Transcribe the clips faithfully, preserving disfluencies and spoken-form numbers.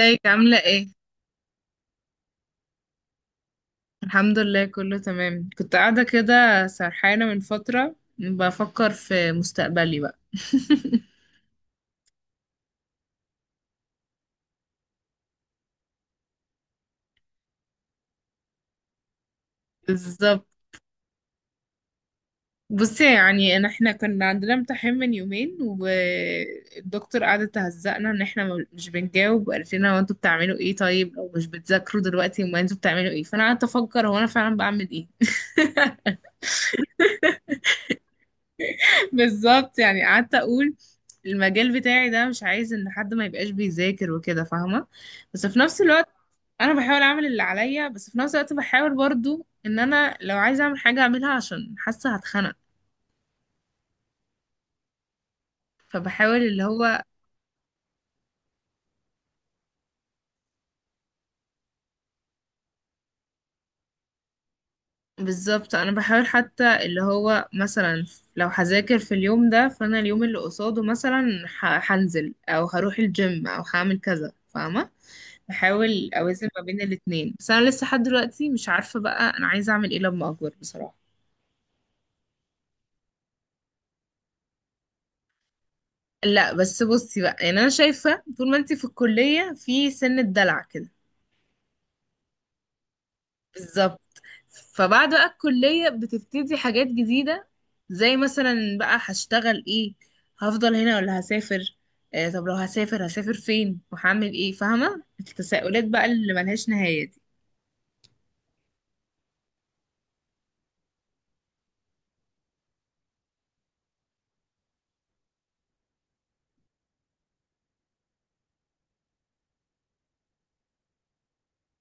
ازيك عاملة ايه؟ الحمد لله كله تمام. كنت قاعدة كده سرحانة من فترة بفكر في مستقبلي بقى. بالظبط. بصي، يعني ان احنا كنا عندنا امتحان من يومين، والدكتور قعد تهزقنا ان احنا م- مش بنجاوب، وقالت لنا هو انتوا بتعملوا ايه طيب؟ او مش بتذاكروا دلوقتي؟ امال انتوا بتعملوا ايه؟ فانا قعدت افكر هو انا فعلا بعمل ايه. بالظبط. يعني قعدت اقول المجال بتاعي ده مش عايز ان حد ما يبقاش بيذاكر وكده، فاهمة؟ بس في نفس الوقت انا بحاول اعمل اللي عليا، بس في نفس الوقت بحاول برضو ان انا لو عايزه اعمل حاجه اعملها، عشان حاسه هتخنق. فبحاول اللي هو بالظبط. انا بحاول حتى اللي هو مثلا لو هذاكر في اليوم ده، فانا اليوم اللي قصاده مثلا ه- هنزل او هروح الجيم او هعمل كذا، فاهمه؟ بحاول اوازن ما بين الاتنين. بس انا لسه لحد دلوقتي مش عارفه بقى انا عايزه اعمل ايه لما اكبر، بصراحه. لا، بس بصي بقى. يعني انا شايفه طول ما انتي في الكليه في سن الدلع كده. بالظبط. فبعد بقى الكلية بتبتدي حاجات جديدة، زي مثلا بقى هشتغل ايه؟ هفضل هنا ولا هسافر؟ آه، طب لو هسافر هسافر فين وهعمل ايه؟ فاهمة التساؤلات بقى اللي ملهاش نهاية دي.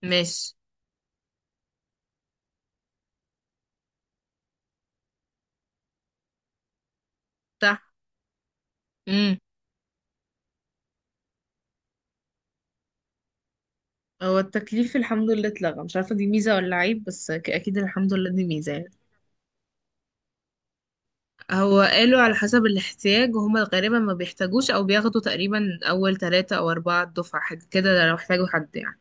ماشي. صح. امم. هو التكليف الحمد لله اتلغى. مش عارفة دي ميزة ولا عيب، بس أك- اكيد الحمد لله دي ميزة يعني. هو قالوا على حسب الاحتياج، وهما غالبا ما بيحتاجوش او بياخدوا تقريبا اول ثلاثة او اربعة دفعة حاجة كده لو احتاجوا حد يعني.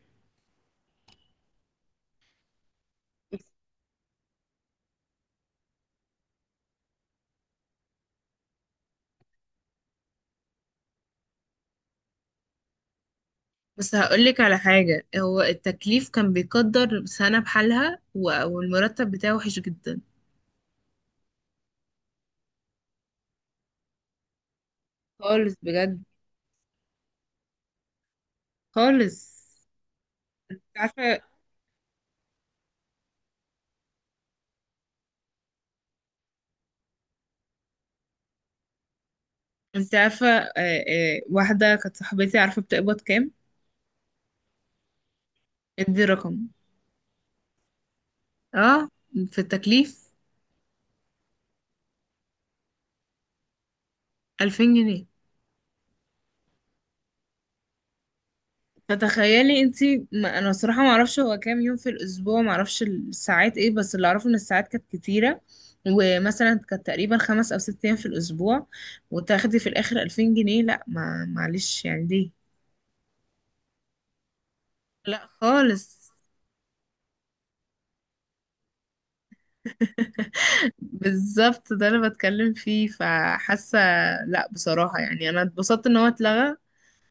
بس هقولك على حاجة، هو التكليف كان بيقدر سنة بحالها، و- والمرتب بتاعه وحش جدا خالص بجد خالص. انت عارفة، انت عارفة آه، آه، واحدة كانت صاحبتي عارفة بتقبض كام؟ ادي رقم. اه، في التكليف. ألفين جنيه. فتخيلي انتي، ما انا الصراحه ما اعرفش هو كام يوم في الاسبوع، ما اعرفش الساعات ايه، بس اللي اعرفه ان الساعات كانت كتيره، ومثلا كانت تقريبا خمس او ست ايام في الاسبوع، وتاخدي في الاخر ألفين جنيه. لا، ما معلش يعني، ليه؟ لا خالص. بالظبط، ده اللي بتكلم فيه، فحاسه لا بصراحه يعني انا اتبسطت ان هو اتلغى.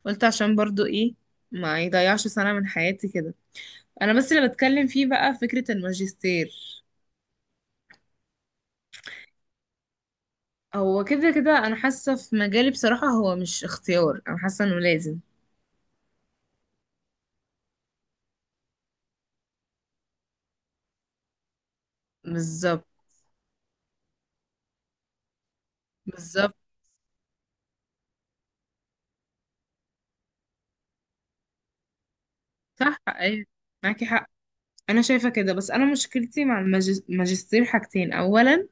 قلت عشان برضو ايه، ما يضيعش سنه من حياتي كده. انا بس اللي بتكلم فيه بقى فكره الماجستير. هو كده كده انا حاسه في مجالي بصراحه هو مش اختيار، انا حاسه انه لازم. بالظبط. بالظبط. صح. ايوه، معاكي حق. انا شايفه كده، بس انا مشكلتي مع الماجس- الماجستير حاجتين. اولا،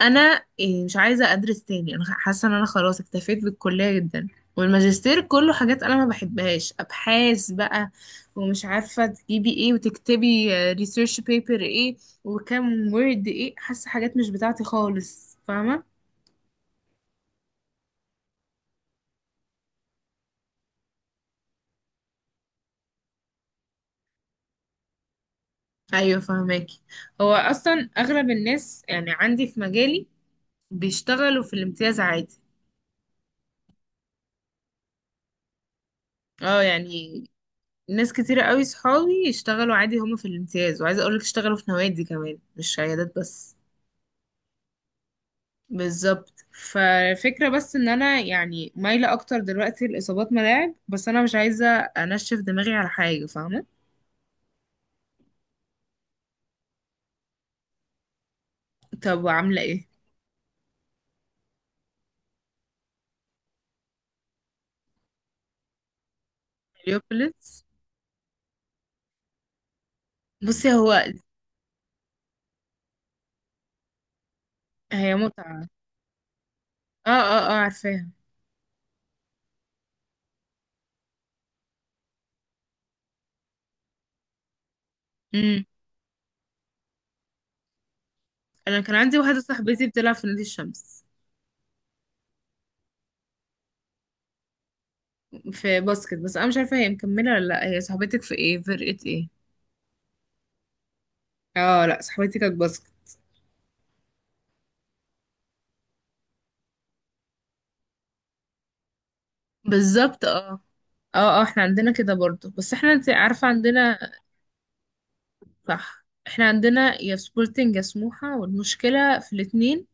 انا إيه، مش عايزه ادرس تاني، انا حاسه ان انا خلاص اكتفيت بالكليه جدا. والماجستير كله حاجات انا ما بحبهاش، ابحاث بقى، ومش عارفه تجيبي ايه وتكتبي ريسيرش بيبر ايه وكام وورد ايه، حاسه حاجات مش بتاعتي خالص، فاهمه؟ ايوه، فهمك. هو اصلا اغلب الناس يعني عندي في مجالي بيشتغلوا في الامتياز عادي. اه يعني ناس كتيرة قوي، صحابي يشتغلوا عادي هما في الامتياز، وعايزه اقولك اشتغلوا في نوادي كمان مش عيادات بس. بالظبط. فالفكرة بس ان انا يعني مايلة اكتر دلوقتي لاصابات ملاعب، بس انا مش عايزة انشف دماغي على حاجة، فاهمة؟ طب وعاملة ايه؟ اليوبلتس. بصي هو. هي متعة. اه، اه، اه، عارفاها. مم. انا كان عندي واحده صاحبتي بتلعب في نادي الشمس في باسكت، بس انا مش عارفه هي مكمله ولا لا. هي صاحبتك في ايه؟ فرقه ايه؟ اه، لا، صاحبتي كانت باسكت. بالظبط. اه. اه، اه، احنا عندنا كده برضو، بس احنا انت عارفه عندنا. صح، احنا عندنا يا سبورتنج يا سموحه، والمشكله في الاتنين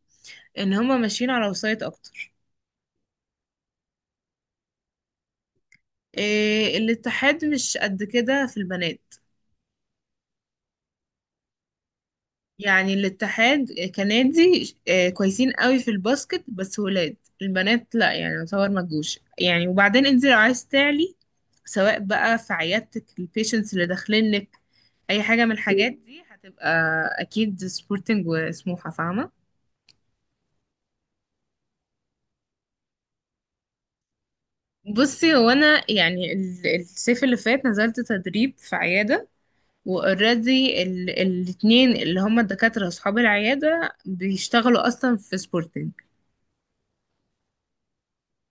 ان هما ماشيين على وسايط اكتر. إيه، الاتحاد مش قد كده في البنات. يعني الاتحاد كنادي آه، كويسين قوي في الباسكت، بس ولاد. البنات لا يعني يعتبر ما تجوش يعني. وبعدين انت لو عايز تعلي، سواء بقى في عيادتك البيشنتس اللي داخلين لك، اي حاجه من الحاجات دي هتبقى اكيد سبورتنج وسموحه، فاهمه؟ بصي هو انا يعني ال- الصيف اللي فات نزلت تدريب في عياده، واوريدي ال- الاتنين اللي هما الدكاتره اصحاب العياده بيشتغلوا اصلا في سبورتنج.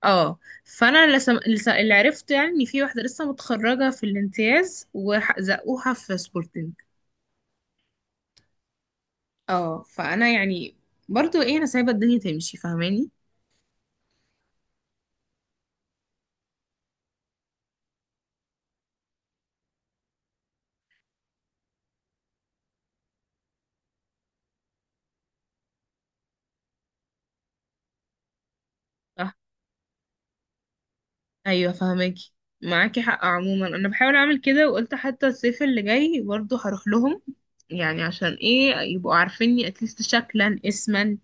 اه. فانا لسه لسه اللي عرفته يعني ان في واحده لسه متخرجه في الامتياز وزقوها في سبورتنج. اه، فانا يعني برضو ايه، انا سايبه الدنيا تمشي، فاهماني؟ صح. ايوه، فاهماكي، معاكي حق. عموما انا بحاول اعمل كده، وقلت حتى الصيف اللي جاي برضو هروح لهم، يعني عشان ايه، يبقوا عارفيني اتليست شكلا اسما.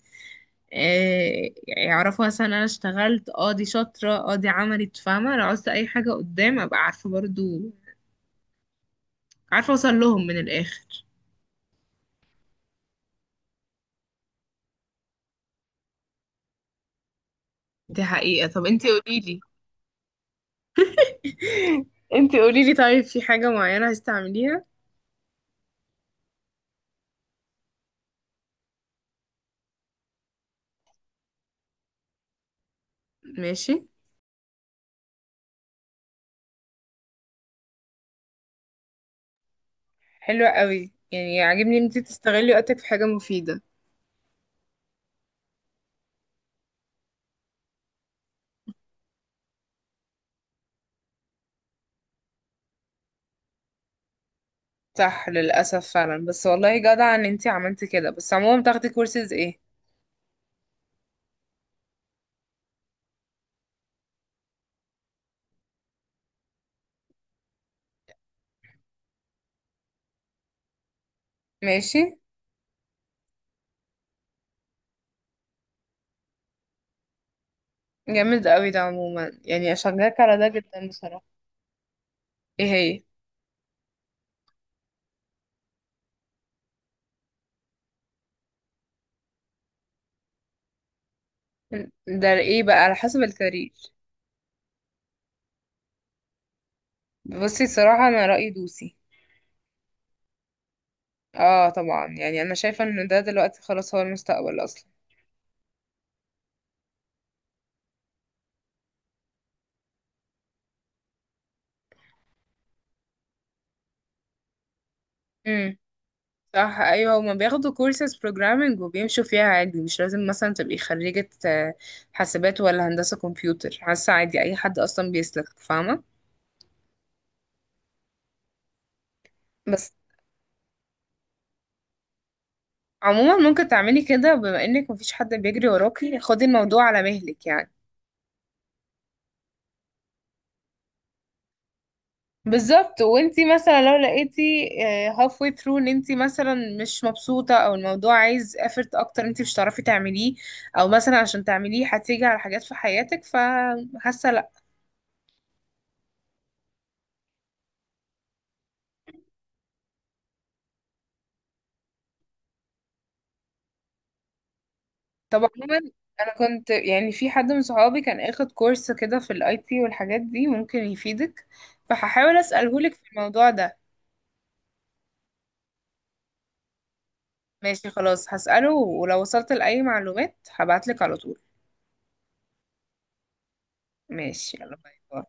آه، يعرفوا مثلا انا اشتغلت، اه دي شاطره، اه دي عملت، فاهمه؟ لو عاوزت اي حاجه قدام ابقى عارفه برضو، عارفة اوصل لهم من الاخر. دي حقيقة. طب انتي قوليلي، انتي قوليلي، طيب في حاجة معينة هستعمليها؟ ماشي. حلوة قوي، يعني عاجبني ان انتي تستغلي وقتك في حاجة مفيدة. صح، للأسف فعلا، بس والله جدع ان انتي عملتي كده. بس عموما بتاخدي كورسز ايه؟ ماشي. جامد قوي ده، عموما يعني اشجعك على ده جدا بصراحة. ايه هي؟ ده ايه بقى على حسب الكارير؟ بصي صراحة، انا رأيي دوسي. اه طبعا، يعني انا شايفة ان ده دلوقتي خلاص هو المستقبل اصلا. صح، ايوه هما بياخدوا كورسز بروجرامنج وبيمشوا فيها عادي. مش لازم مثلا تبقي خريجة آه، حاسبات ولا هندسة كمبيوتر، حاسة عادي اي حد اصلا بيسلك، فاهمة؟ بس عموما ممكن تعملي كده، بما انك مفيش حد بيجري وراكي خدي الموضوع على مهلك يعني. بالظبط. وانتي مثلا لو لقيتي هاف واي ثرو ان انتي مثلا مش مبسوطة، او الموضوع عايز effort اكتر انتي مش هتعرفي تعمليه، او مثلا عشان تعمليه هتيجي على حاجات في حياتك، فحاسة لا. طب عموما، انا كنت يعني في حد من صحابي كان اخد كورس كده في الاي تي والحاجات دي، ممكن يفيدك، فهحاول اساله لك في الموضوع ده. ماشي خلاص، هساله، ولو وصلت لاي معلومات هبعت لك على طول. ماشي. يلا، باي باي.